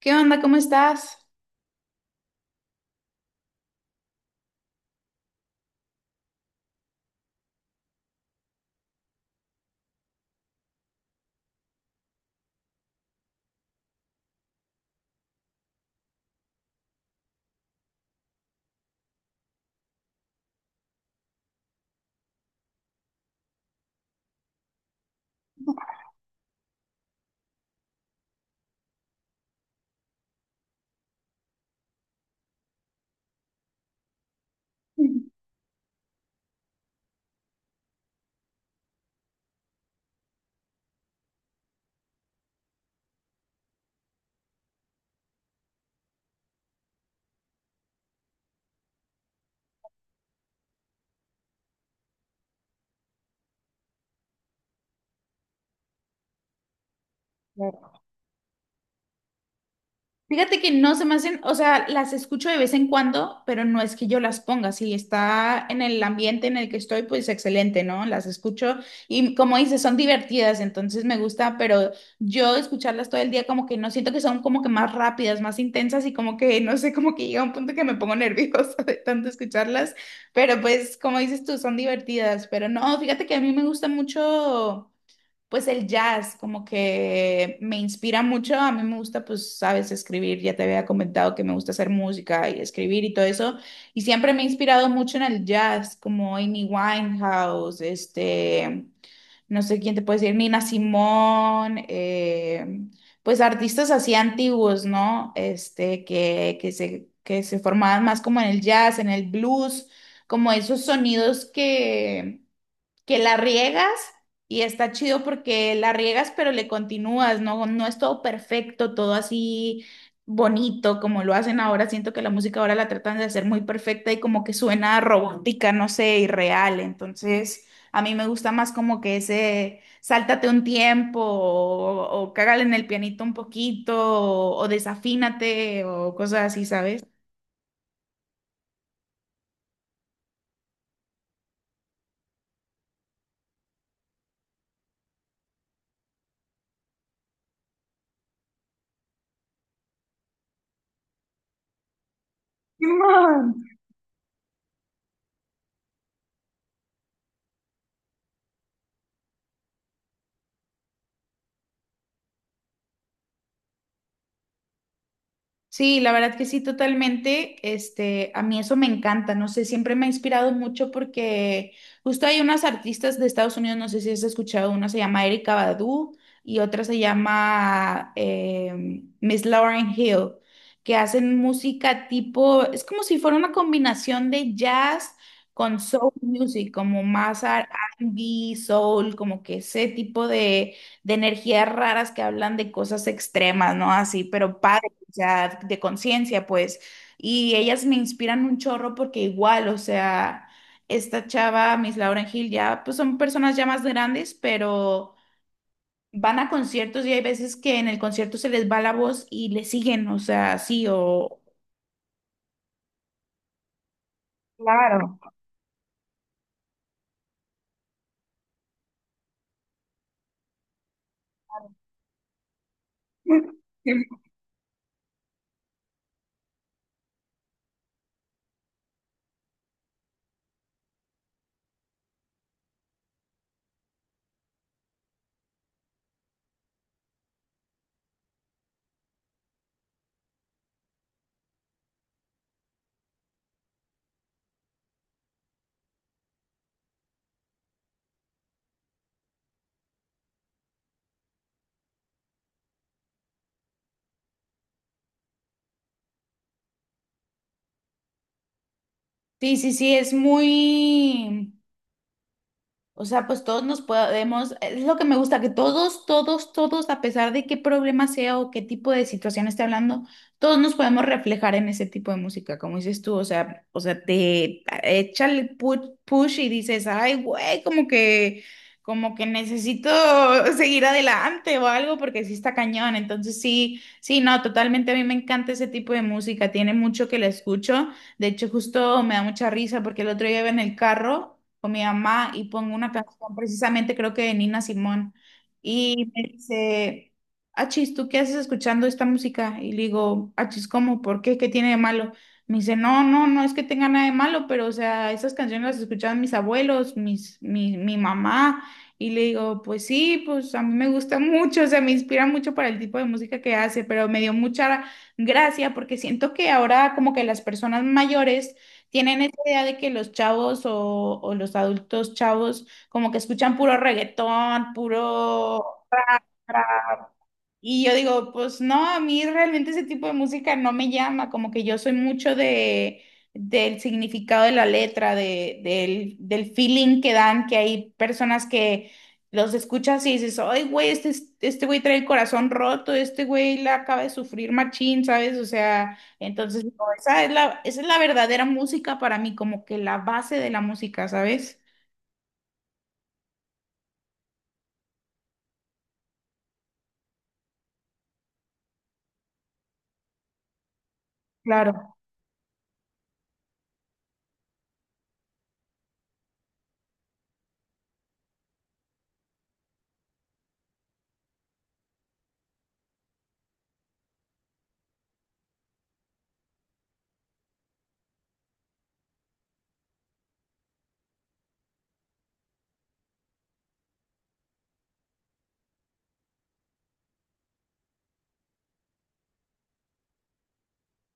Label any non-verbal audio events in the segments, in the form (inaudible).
¿Qué onda? ¿Cómo estás? Fíjate que no se me hacen, o sea, las escucho de vez en cuando, pero no es que yo las ponga. Si está en el ambiente en el que estoy, pues excelente, ¿no? Las escucho y como dices, son divertidas, entonces me gusta, pero yo escucharlas todo el día como que no siento que son como que más rápidas, más intensas y como que, no sé, como que llega un punto que me pongo nerviosa (laughs) de tanto escucharlas, pero pues como dices tú, son divertidas, pero no, fíjate que a mí me gusta mucho. Pues el jazz como que me inspira mucho, a mí me gusta pues, sabes, escribir, ya te había comentado que me gusta hacer música y escribir y todo eso, y siempre me he inspirado mucho en el jazz, como Amy Winehouse, no sé quién te puede decir, Nina Simone, pues artistas así antiguos, ¿no? Que se formaban más como en el jazz, en el blues, como esos sonidos que la riegas, y está chido porque la riegas, pero le continúas, no, no es todo perfecto, todo así bonito como lo hacen ahora. Siento que la música ahora la tratan de hacer muy perfecta y como que suena robótica, no sé, irreal. Entonces, a mí me gusta más como que ese sáltate un tiempo o cágale en el pianito un poquito o desafínate o cosas así, ¿sabes? Simón. Sí, la verdad que sí, totalmente. Este, a mí eso me encanta, no sé, siempre me ha inspirado mucho porque justo hay unas artistas de Estados Unidos, no sé si has escuchado, una se llama Erika Badu y otra se llama Miss Lauren Hill, que hacen música tipo, es como si fuera una combinación de jazz con soul music, como más R&B, soul, como que ese tipo de energías raras que hablan de cosas extremas, ¿no? Así, pero padre sea, de conciencia, pues. Y ellas me inspiran un chorro porque igual, o sea, esta chava, Miss Lauren Hill, ya, pues son personas ya más grandes, pero van a conciertos y hay veces que en el concierto se les va la voz y le siguen, o sea, sí, o... Claro. (laughs) Sí, sí, sí, es muy, o sea, pues todos nos podemos, es lo que me gusta, que todos, todos, todos, a pesar de qué problema sea o qué tipo de situación esté hablando, todos nos podemos reflejar en ese tipo de música, como dices tú, o sea, te echa el push, y dices, ay, güey, como que necesito (laughs) seguir adelante o algo, porque sí está cañón, entonces sí, sí, no, totalmente a mí me encanta ese tipo de música, tiene mucho que la escucho, de hecho justo me da mucha risa porque el otro día iba en el carro con mi mamá y pongo una canción precisamente creo que de Nina Simón y me dice: Achis, ¿tú qué haces escuchando esta música? Y le digo: Achis, ¿cómo? ¿Por qué? ¿Qué tiene de malo? Me dice: no, no, no es que tenga nada de malo, pero o sea, esas canciones las escuchaban mis abuelos, mi mamá. Y le digo: pues sí, pues a mí me gusta mucho, o sea, me inspira mucho para el tipo de música que hace, pero me dio mucha gracia porque siento que ahora como que las personas mayores tienen esa idea de que los chavos o los adultos chavos como que escuchan puro reggaetón, puro, y yo digo, pues no, a mí realmente ese tipo de música no me llama, como que yo soy mucho de del significado de la letra, del feeling que dan, que hay personas que los escuchas y dices, ay, güey, este güey trae el corazón roto, este güey la acaba de sufrir machín, ¿sabes? O sea, entonces, no, esa es la verdadera música para mí, como que la base de la música, ¿sabes? Claro,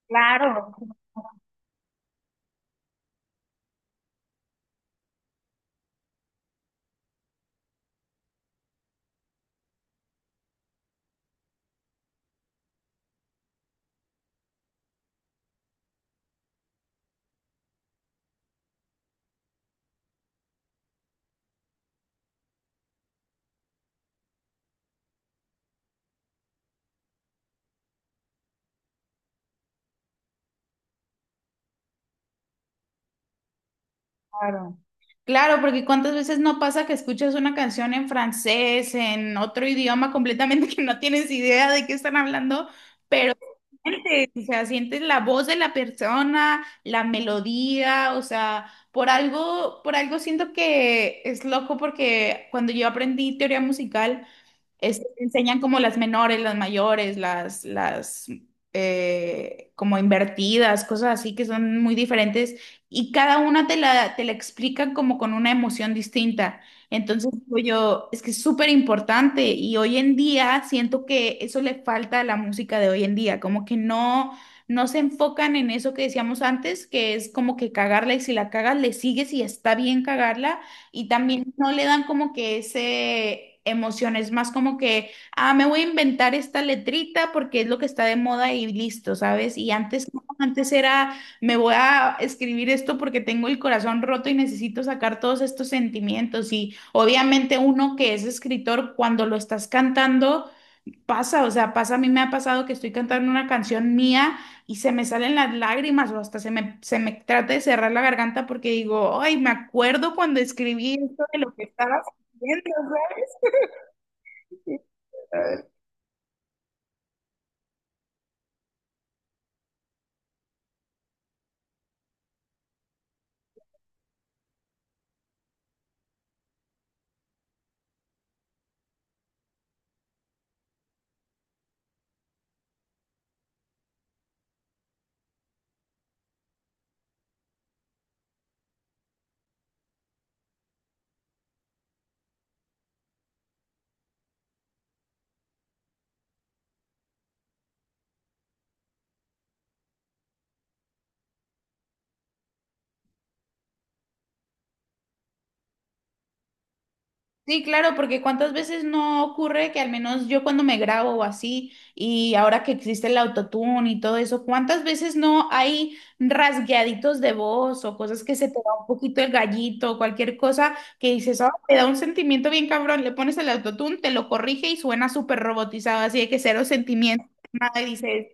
claro. Claro. Claro, porque cuántas veces no pasa que escuchas una canción en francés, en otro idioma completamente (laughs) que no tienes idea de qué están hablando, pero sientes, o sea, sientes la voz de la persona, la melodía, o sea, por algo siento que es loco porque cuando yo aprendí teoría musical te enseñan como las menores, las mayores, las como invertidas, cosas así que son muy diferentes y cada una te la explican como con una emoción distinta. Entonces digo yo, es que es súper importante y hoy en día siento que eso le falta a la música de hoy en día, como que no, no se enfocan en eso que decíamos antes, que es como que cagarla y si la cagas le sigues y está bien cagarla y también no le dan como que ese emoción, es más como que, ah, me voy a inventar esta letrita porque es lo que está de moda y listo, ¿sabes? Y antes, no, antes era, me voy a escribir esto porque tengo el corazón roto y necesito sacar todos estos sentimientos y obviamente uno que es escritor, cuando lo estás cantando, pasa, o sea, pasa, a mí me ha pasado que estoy cantando una canción mía y se me salen las lágrimas o hasta se me trata de cerrar la garganta porque digo, ay, me acuerdo cuando escribí esto de lo que estaba sintiendo, ¿sabes? Sí, claro, porque cuántas veces no ocurre que al menos yo cuando me grabo o así, y ahora que existe el autotune y todo eso, cuántas veces no hay rasgueaditos de voz o cosas que se te va un poquito el gallito o cualquier cosa que dices, "Ah, te da un sentimiento bien cabrón, le pones el autotune, te lo corrige y suena súper robotizado, así de que cero sentimiento, nada, y dices,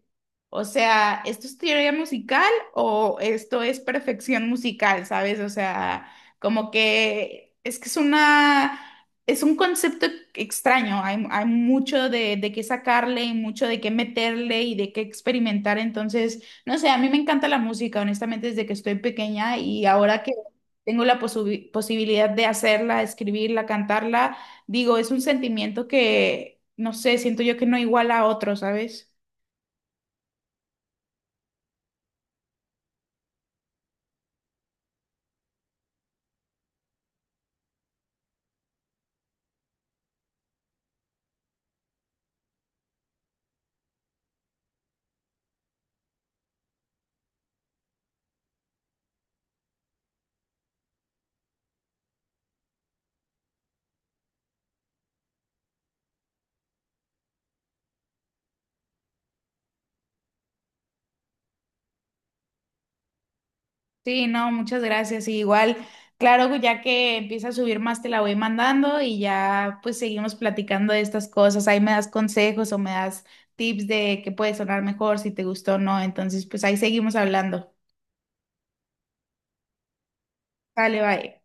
o sea, ¿esto es teoría musical o esto es perfección musical, sabes? O sea, como que es una, es un concepto extraño. Hay mucho de qué sacarle y mucho de qué meterle y de qué experimentar. Entonces, no sé, a mí me encanta la música, honestamente, desde que estoy pequeña y ahora que tengo la posibilidad de hacerla, escribirla, cantarla, digo, es un sentimiento que, no sé, siento yo que no iguala a otro, ¿sabes? Sí, no, muchas gracias. Y igual, claro, ya que empieza a subir más, te la voy mandando y ya pues seguimos platicando de estas cosas. Ahí me das consejos o me das tips de qué puede sonar mejor, si te gustó o no. Entonces, pues ahí seguimos hablando. Dale, bye.